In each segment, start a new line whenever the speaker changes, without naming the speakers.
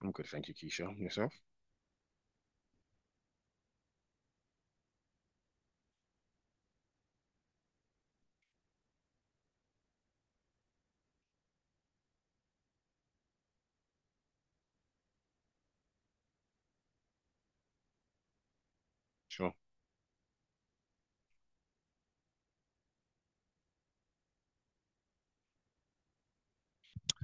I'm good, thank you, Keisha. Yourself? Sure.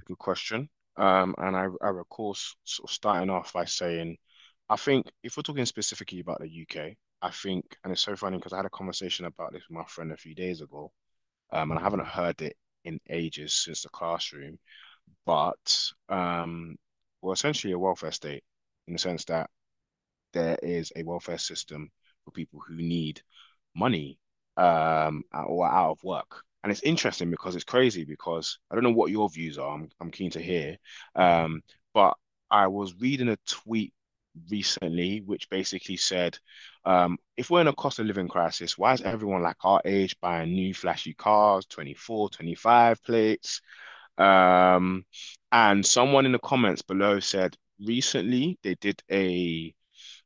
Good question. And I recall sort of starting off by saying, I think if we're talking specifically about the UK. I think, and it's so funny because I had a conversation about this with my friend a few days ago, and I haven't heard it in ages since the classroom, but we're essentially a welfare state, in the sense that there is a welfare system for people who need money, or are out of work. And it's interesting because it's crazy because I don't know what your views are. I'm keen to hear. Um, but I was reading a tweet recently which basically said, if we're in a cost of living crisis, why is everyone like our age buying new flashy cars, 24, 25 plates? Um, and someone in the comments below said, recently they did a,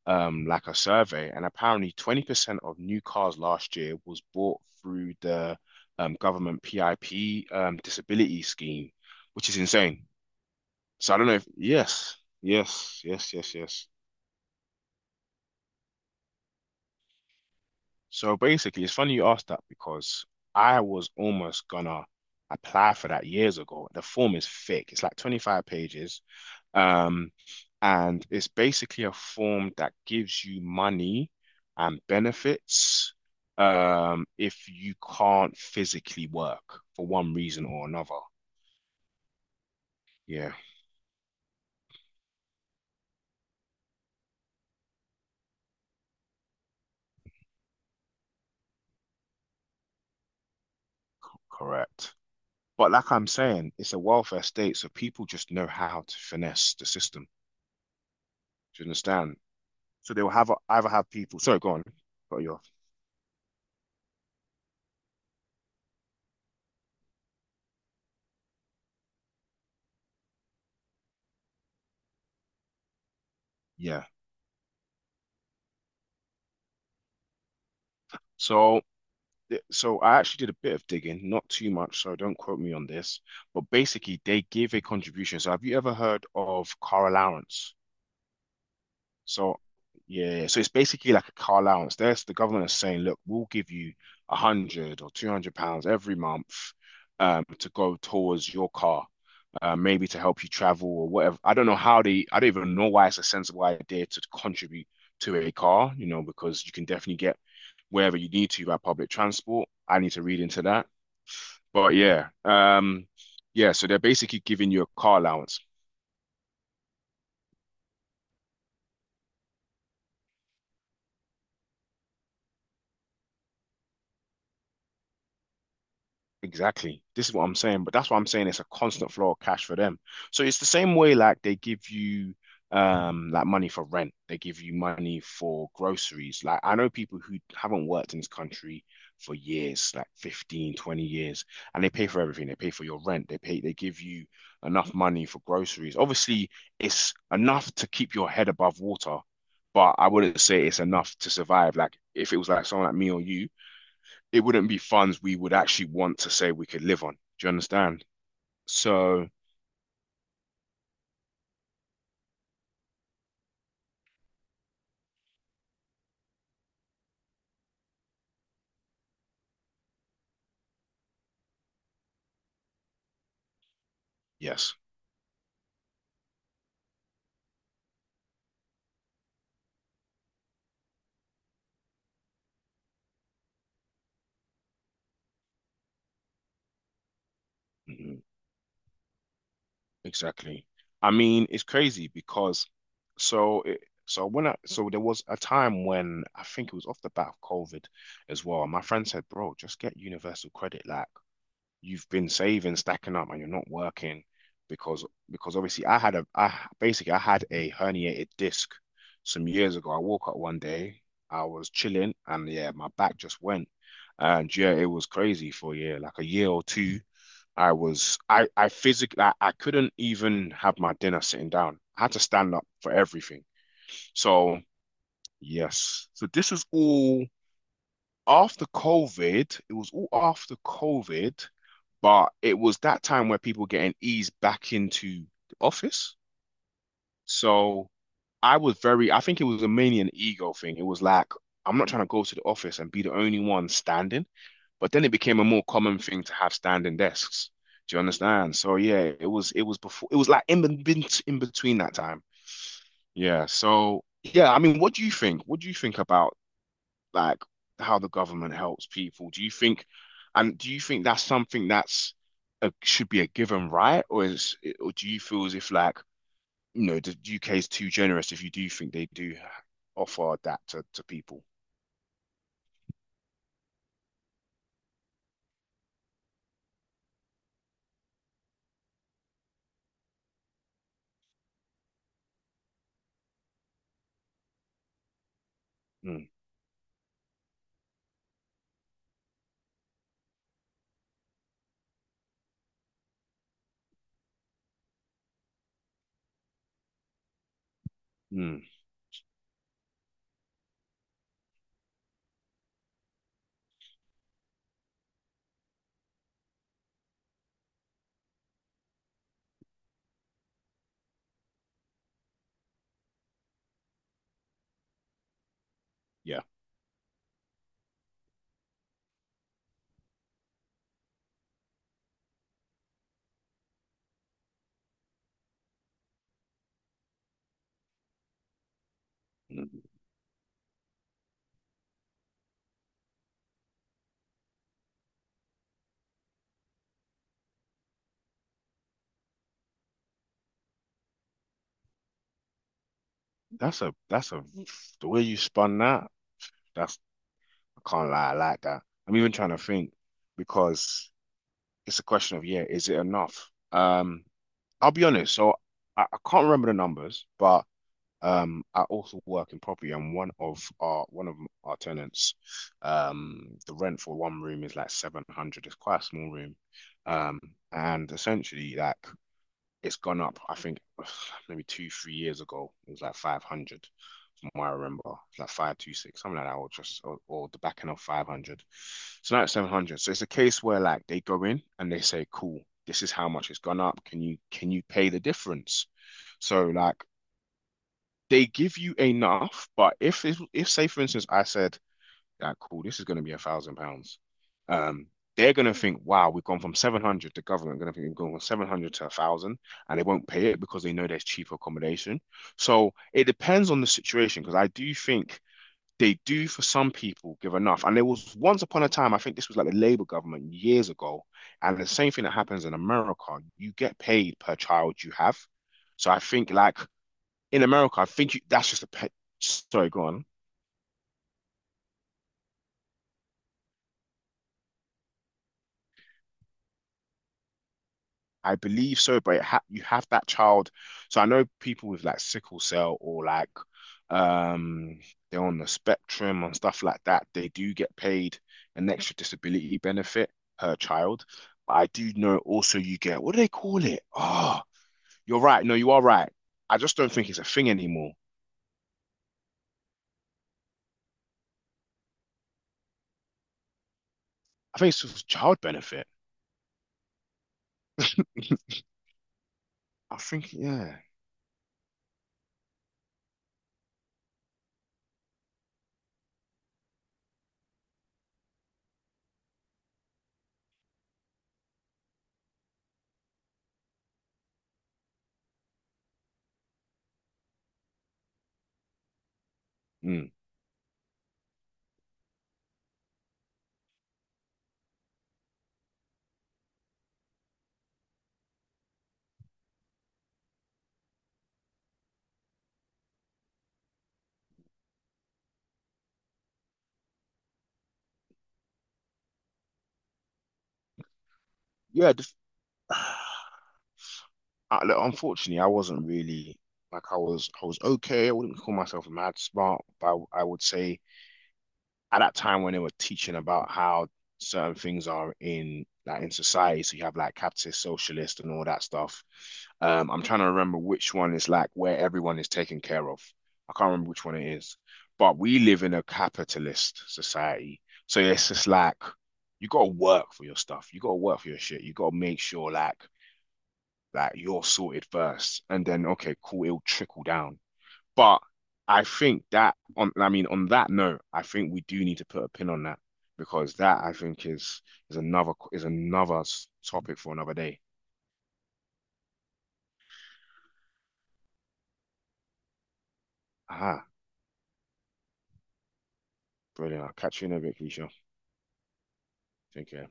like a survey, and apparently 20% of new cars last year was bought through the, government PIP, disability scheme, which is insane. So I don't know if, yes, yes, yes, yes, yes. So basically, it's funny you asked that because I was almost gonna apply for that years ago. The form is thick, it's like 25 pages. Um, and it's basically a form that gives you money and benefits, if you can't physically work for one reason or another. Yeah, correct. But like I'm saying, it's a welfare state, so people just know how to finesse the system. Do you understand? So they will have either have people. Sorry, go on. Got you off. Yeah. So so I actually did a bit of digging, not too much, so don't quote me on this. But basically, they give a contribution. So have you ever heard of car allowance? So yeah, so it's basically like a car allowance. There's the government is saying, look, we'll give you £100 or £200 every month, to go towards your car. Maybe to help you travel or whatever. I don't know how they, I don't even know why it's a sensible idea to contribute to a car, because you can definitely get wherever you need to by public transport. I need to read into that. But yeah, yeah, so they're basically giving you a car allowance. Exactly. This is what I'm saying, but that's what I'm saying. It's a constant flow of cash for them. So it's the same way like they give you, like money for rent, they give you money for groceries. Like I know people who haven't worked in this country for years, like 15, 20 years, and they pay for everything. They pay for your rent, they give you enough money for groceries. Obviously, it's enough to keep your head above water, but I wouldn't say it's enough to survive. Like if it was like someone like me or you, it wouldn't be funds we would actually want to say we could live on. Do you understand? So, yes, mhm, exactly. I mean, it's crazy because so it, so when I so there was a time when I think it was off the bat of COVID as well. My friend said, "Bro, just get universal credit. Like you've been saving, stacking up, and you're not working." Because because obviously I had a herniated disc some years ago. I woke up one day, I was chilling, and yeah, my back just went, and yeah, it was crazy for a year, like a year or two. I was I physically I couldn't even have my dinner sitting down. I had to stand up for everything. So yes, so this is all after COVID, it was all after COVID, but it was that time where people were getting eased back into the office. So I was very, I think it was a mainly an ego thing. It was like, I'm not trying to go to the office and be the only one standing. But then it became a more common thing to have standing desks. Do you understand? So yeah, it was before, it was like in between that time. Yeah. So yeah, I mean, what do you think? What do you think about like how the government helps people? Do you think, and do you think that's something that's a, should be a given right, or do you feel as if like the UK is too generous, if you do think they do offer that to people? Mm, mm, yeah, mm. That's a the way you spun that. That's I can't lie, I like that. I'm even trying to think because it's a question of, yeah, is it enough? I'll be honest. So I can't remember the numbers, but I also work in property, and one of our tenants, the rent for one room is like 700. It's quite a small room. Um, and essentially, like it's gone up, I think maybe two, 3 years ago it was like 500, from what I remember. It's like 526, something like that, or the back end of 500. So now it's 700. So it's a case where like they go in and they say, cool, this is how much it's gone up. Can you pay the difference? So like they give you enough, but if, say for instance I said, yeah, cool, this is going to be £1,000, um, they're going to think, wow, we've gone from 700, the government going to think we've gone from 700 to a thousand, and they won't pay it because they know there's cheaper accommodation. So it depends on the situation because I do think they do, for some people, give enough. And there was once upon a time, I think this was like the Labour government years ago, and the same thing that happens in America, you get paid per child you have. So I think like in America, I think, that's just a pet. Sorry, go on. I believe so, but it ha you have that child. So I know people with like sickle cell or like, um they're on the spectrum and stuff like that. They do get paid an extra disability benefit per child. But I do know also you get, what do they call it? Oh, you're right. No, you are right. I just don't think it's a thing anymore. I think it's just child benefit. I think, yeah. Mm. Yeah. Just. Look, unfortunately, I wasn't really, like I was. I was okay. I wouldn't call myself mad smart, but I would say at that time when they were teaching about how certain things are in society, so you have like capitalist, socialist, and all that stuff. I'm trying to remember which one is like where everyone is taken care of. I can't remember which one it is, but we live in a capitalist society, so it's just like you got to work for your stuff. You got to work for your shit. You got to make sure like you're sorted first, and then okay, cool, it'll trickle down. But I think I mean, on that note, I think we do need to put a pin on that, because that I think is another topic for another day. Ah, brilliant. I'll catch you in a bit, Keisha. Take care.